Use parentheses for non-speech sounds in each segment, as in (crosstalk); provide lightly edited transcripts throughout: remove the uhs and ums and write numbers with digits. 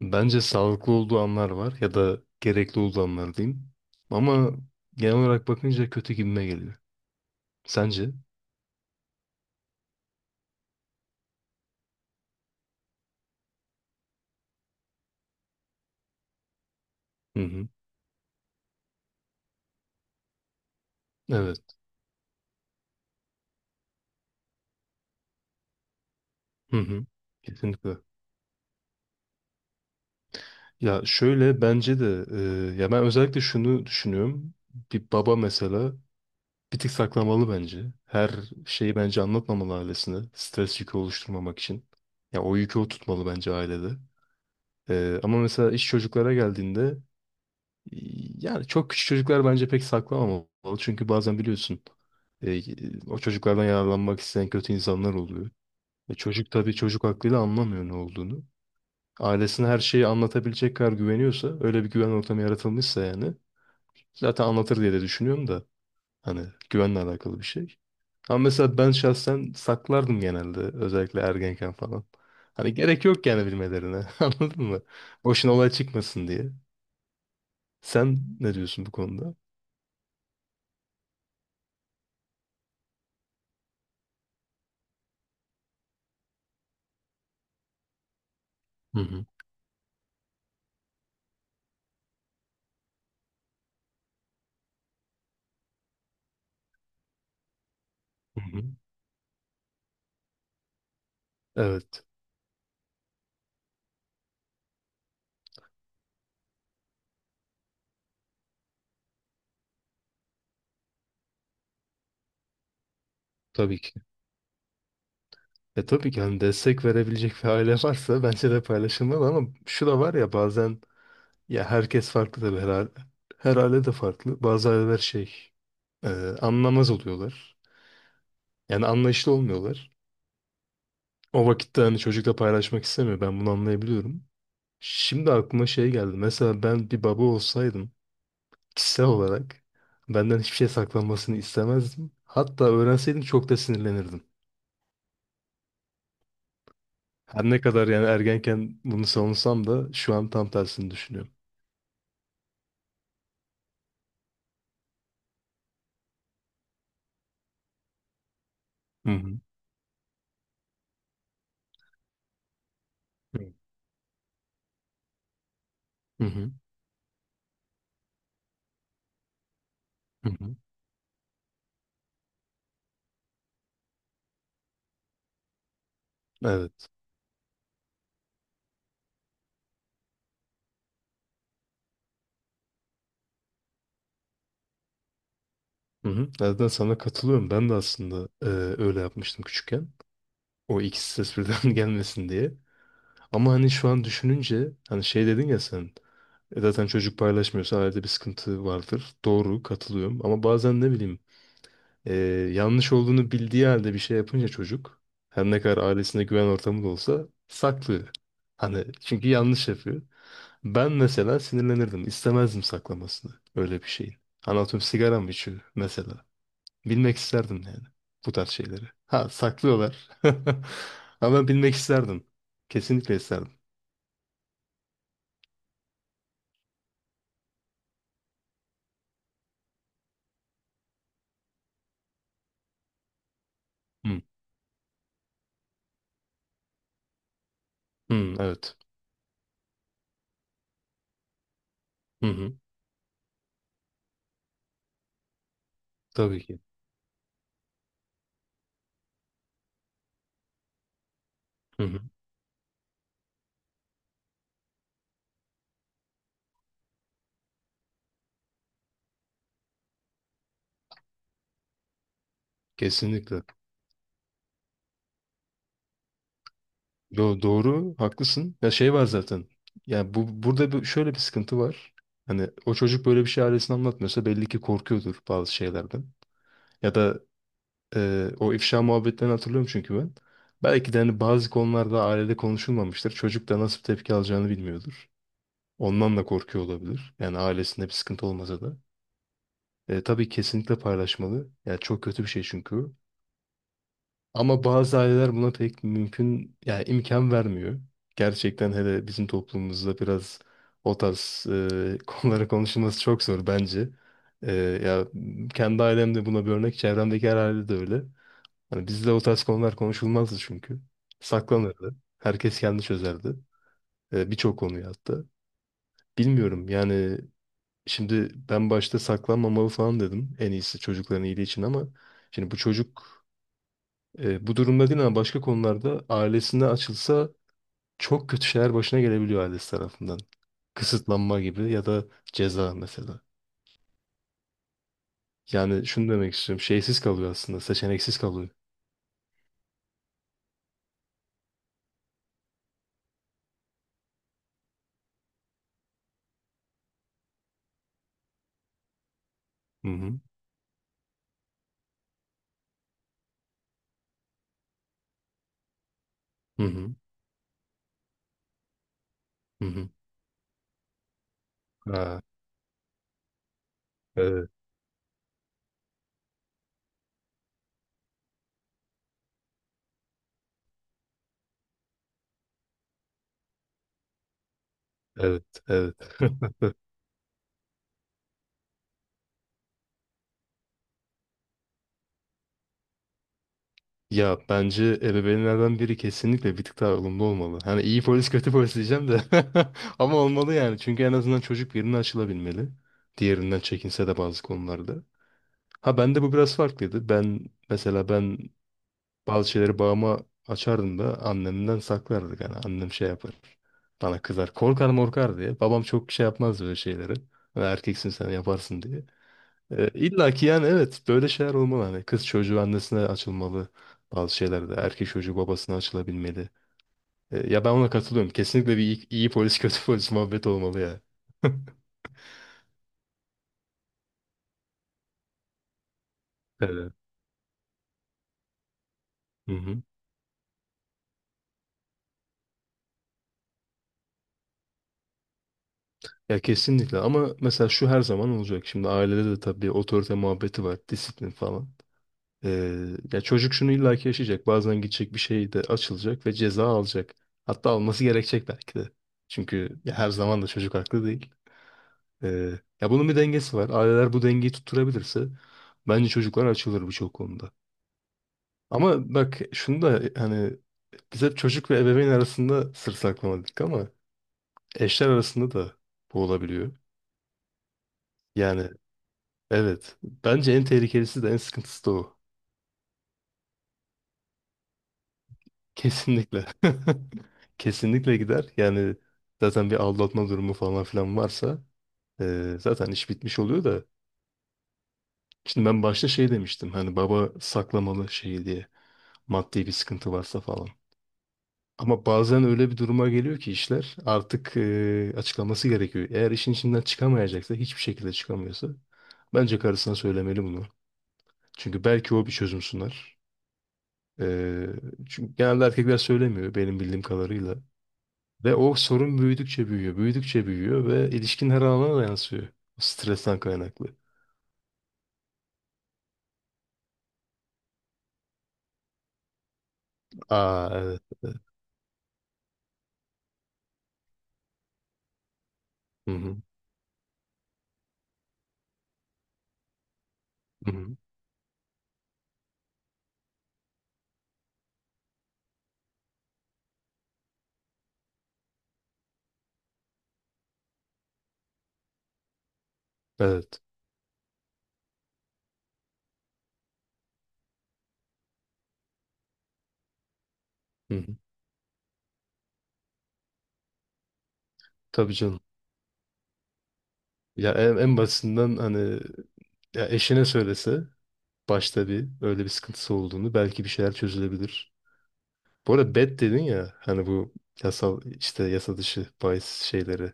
Bence sağlıklı olduğu anlar var ya da gerekli olduğu anlar diyeyim. Ama genel olarak bakınca kötü gibime geliyor. Sence? Hı hı. Evet. Hı hı. Kesinlikle. Ya şöyle bence de ya ben özellikle şunu düşünüyorum. Bir baba mesela bir tık saklamalı bence. Her şeyi bence anlatmamalı ailesine. Stres yükü oluşturmamak için. Ya o yükü o tutmalı bence ailede. Ama mesela iş çocuklara geldiğinde yani çok küçük çocuklar bence pek saklamamalı. Çünkü bazen biliyorsun, e, o çocuklardan yararlanmak isteyen kötü insanlar oluyor. Çocuk, tabii çocuk aklıyla anlamıyor ne olduğunu. Ailesine her şeyi anlatabilecek kadar güveniyorsa, öyle bir güven ortamı yaratılmışsa yani zaten anlatır diye de düşünüyorum da hani güvenle alakalı bir şey. Ama mesela ben şahsen saklardım, genelde özellikle ergenken falan. Hani gerek yok yani bilmelerine (laughs) anladın mı? Boşuna olay çıkmasın diye. Sen ne diyorsun bu konuda? Hı hı. Hı hı. Evet, tabii ki. E tabii ki hani destek verebilecek bir aile varsa bence de paylaşılmalı, ama şu da var ya, bazen ya herkes farklı tabii, her aile, her aile de farklı. Bazı aileler şey, e, anlamaz oluyorlar. Yani anlayışlı olmuyorlar. O vakitte hani çocukla paylaşmak istemiyor. Ben bunu anlayabiliyorum. Şimdi aklıma şey geldi. Mesela ben bir baba olsaydım, kişisel olarak benden hiçbir şey saklanmasını istemezdim. Hatta öğrenseydim çok da sinirlenirdim. Her ne kadar yani ergenken bunu savunsam da şu an tam tersini düşünüyorum. Hı hı. Hı hı. Hı hı. Evet. Hı hı. Nereden sana katılıyorum. Ben de aslında, öyle yapmıştım küçükken. O ikisi ses birden (laughs) gelmesin diye. Ama hani şu an düşününce hani şey dedin ya sen, zaten çocuk paylaşmıyorsa ailede bir sıkıntı vardır. Doğru, katılıyorum. Ama bazen ne bileyim, e, yanlış olduğunu bildiği halde bir şey yapınca çocuk, her ne kadar ailesine güven ortamı da olsa, saklıyor. Hani çünkü yanlış yapıyor. Ben mesela sinirlenirdim. İstemezdim saklamasını. Öyle bir şeyin. Anlatıyorum, sigara mı içiyor mesela. Bilmek isterdim yani. Bu tarz şeyleri. Ha, saklıyorlar. (laughs) Ama ben bilmek isterdim. Kesinlikle isterdim. Hı. Hı, evet. Hı hı. Tabii ki. Hı hı. Kesinlikle. Yo, doğru. Haklısın. Ya şey var zaten. Ya bu burada şöyle bir sıkıntı var. Hani o çocuk böyle bir şey ailesine anlatmıyorsa belli ki korkuyordur bazı şeylerden. Ya da ee, o ifşa muhabbetlerini hatırlıyorum çünkü ben. Belki de hani bazı konularda ailede konuşulmamıştır. Çocuk da nasıl bir tepki alacağını bilmiyordur. Ondan da korkuyor olabilir. Yani ailesinde bir sıkıntı olmasa da. Tabii kesinlikle paylaşmalı. Yani çok kötü bir şey çünkü o. Ama bazı aileler buna pek mümkün, yani imkan vermiyor. Gerçekten hele bizim toplumumuzda biraz o tarz (laughs) konulara konuşulması çok zor bence. Ee, ya kendi ailemde buna bir örnek, çevremdeki her ailede de öyle. Hani bizde o tarz konular konuşulmazdı çünkü. Saklanırdı. Herkes kendi çözerdi. E, birçok konuyu hatta. Bilmiyorum yani, şimdi ben başta saklanmamalı falan dedim. En iyisi çocukların iyiliği için, ama şimdi bu çocuk, bu durumda değil ama başka konularda ailesine açılsa çok kötü şeyler başına gelebiliyor ailesi tarafından. Kısıtlanma gibi ya da ceza mesela. Yani şunu demek istiyorum. Şeysiz kalıyor aslında. Seçeneksiz kalıyor. Hı hı. Hı hı. Hı hı. Ha, evet. Evet. Evet. (laughs) Ya bence ebeveynlerden biri kesinlikle bir tık daha ılımlı olmalı. Hani iyi polis kötü polis diyeceğim de (laughs) ama olmalı yani. Çünkü en azından çocuk birine açılabilmeli. Diğerinden çekinse de bazı konularda. Ha bende bu biraz farklıydı. Ben mesela, ben bazı şeyleri babama açardım da annemden saklardık. Yani annem şey yapar. Bana kızar. Korkar morkar diye. Babam çok şey yapmaz böyle şeyleri. Hani erkeksin sen yaparsın diye. İlla ki yani evet böyle şeyler olmalı. Hani kız çocuğu annesine açılmalı. Bazı şeylerde erkek çocuğu babasına açılabilmeli. Ya ben ona katılıyorum. Kesinlikle bir iyi polis (laughs) kötü polis muhabbet olmalı ya. (laughs) Evet. Hı hı. Ya kesinlikle, ama mesela şu her zaman olacak. Şimdi ailede de tabii otorite muhabbeti var, disiplin falan. Ee, ya çocuk şunu illaki yaşayacak. Bazen gidecek bir şey de açılacak ve ceza alacak. Hatta alması gerekecek belki de. Çünkü ya her zaman da çocuk haklı değil. Ee, ya bunun bir dengesi var. Aileler bu dengeyi tutturabilirse bence çocuklar açılır birçok konuda. Ama bak şunu da hani biz hep çocuk ve ebeveyn arasında sır saklamadık ama eşler arasında da bu olabiliyor. Yani evet. Bence en tehlikelisi de en sıkıntısı da o. Kesinlikle. (laughs) Kesinlikle gider. Yani zaten bir aldatma durumu falan filan varsa zaten iş bitmiş oluyor da. Şimdi ben başta şey demiştim hani baba saklamalı şey diye, maddi bir sıkıntı varsa falan. Ama bazen öyle bir duruma geliyor ki işler artık açıklaması gerekiyor. Eğer işin içinden çıkamayacaksa, hiçbir şekilde çıkamıyorsa, bence karısına söylemeli bunu. Çünkü belki o bir çözüm sunar. Eee, çünkü genelde erkekler söylemiyor benim bildiğim kadarıyla. Ve o sorun büyüdükçe büyüyor ve ilişkinin her alanına da yansıyor. O stresten kaynaklı. Aa evet. Hı hı. Hı hı. Evet. Hı hı. Tabii canım. Ya en basitinden hani, ya eşine söylese başta bir öyle bir sıkıntısı olduğunu, belki bir şeyler çözülebilir. Bu arada bet dedin ya hani bu yasal işte yasa dışı bahis şeyleri.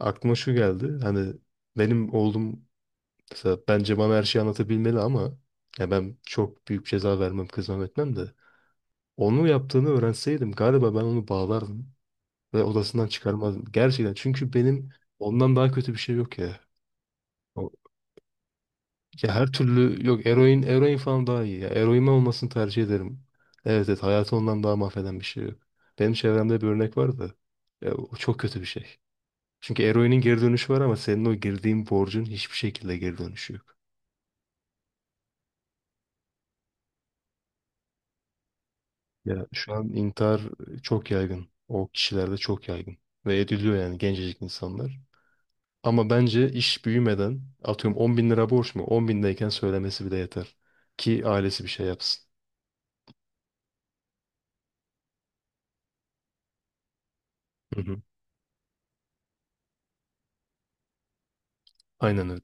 Aklıma şu geldi. Hani benim oğlum mesela bence bana her şeyi anlatabilmeli, ama ya ben çok büyük ceza vermem, kızmam etmem de. Onu yaptığını öğrenseydim galiba ben onu bağlardım ve odasından çıkarmazdım. Gerçekten, çünkü benim ondan daha kötü bir şey yok ya. O- ya her türlü yok, eroin, eroin falan daha iyi ya. Eroin olmasını tercih ederim. Evet, evet, hayatı ondan daha mahveden bir şey yok. Benim çevremde bir örnek var da ya o çok kötü bir şey. Çünkü eroinin geri dönüşü var ama senin o girdiğin borcun hiçbir şekilde geri dönüşü yok. Ya şu an intihar çok yaygın. O kişilerde çok yaygın. Ve ediliyor yani, gencecik insanlar. Ama bence iş büyümeden, atıyorum 10 bin lira borç mu? 10 bindeyken söylemesi bile yeter. Ki ailesi bir şey yapsın. Hı hı. Aynen öyle.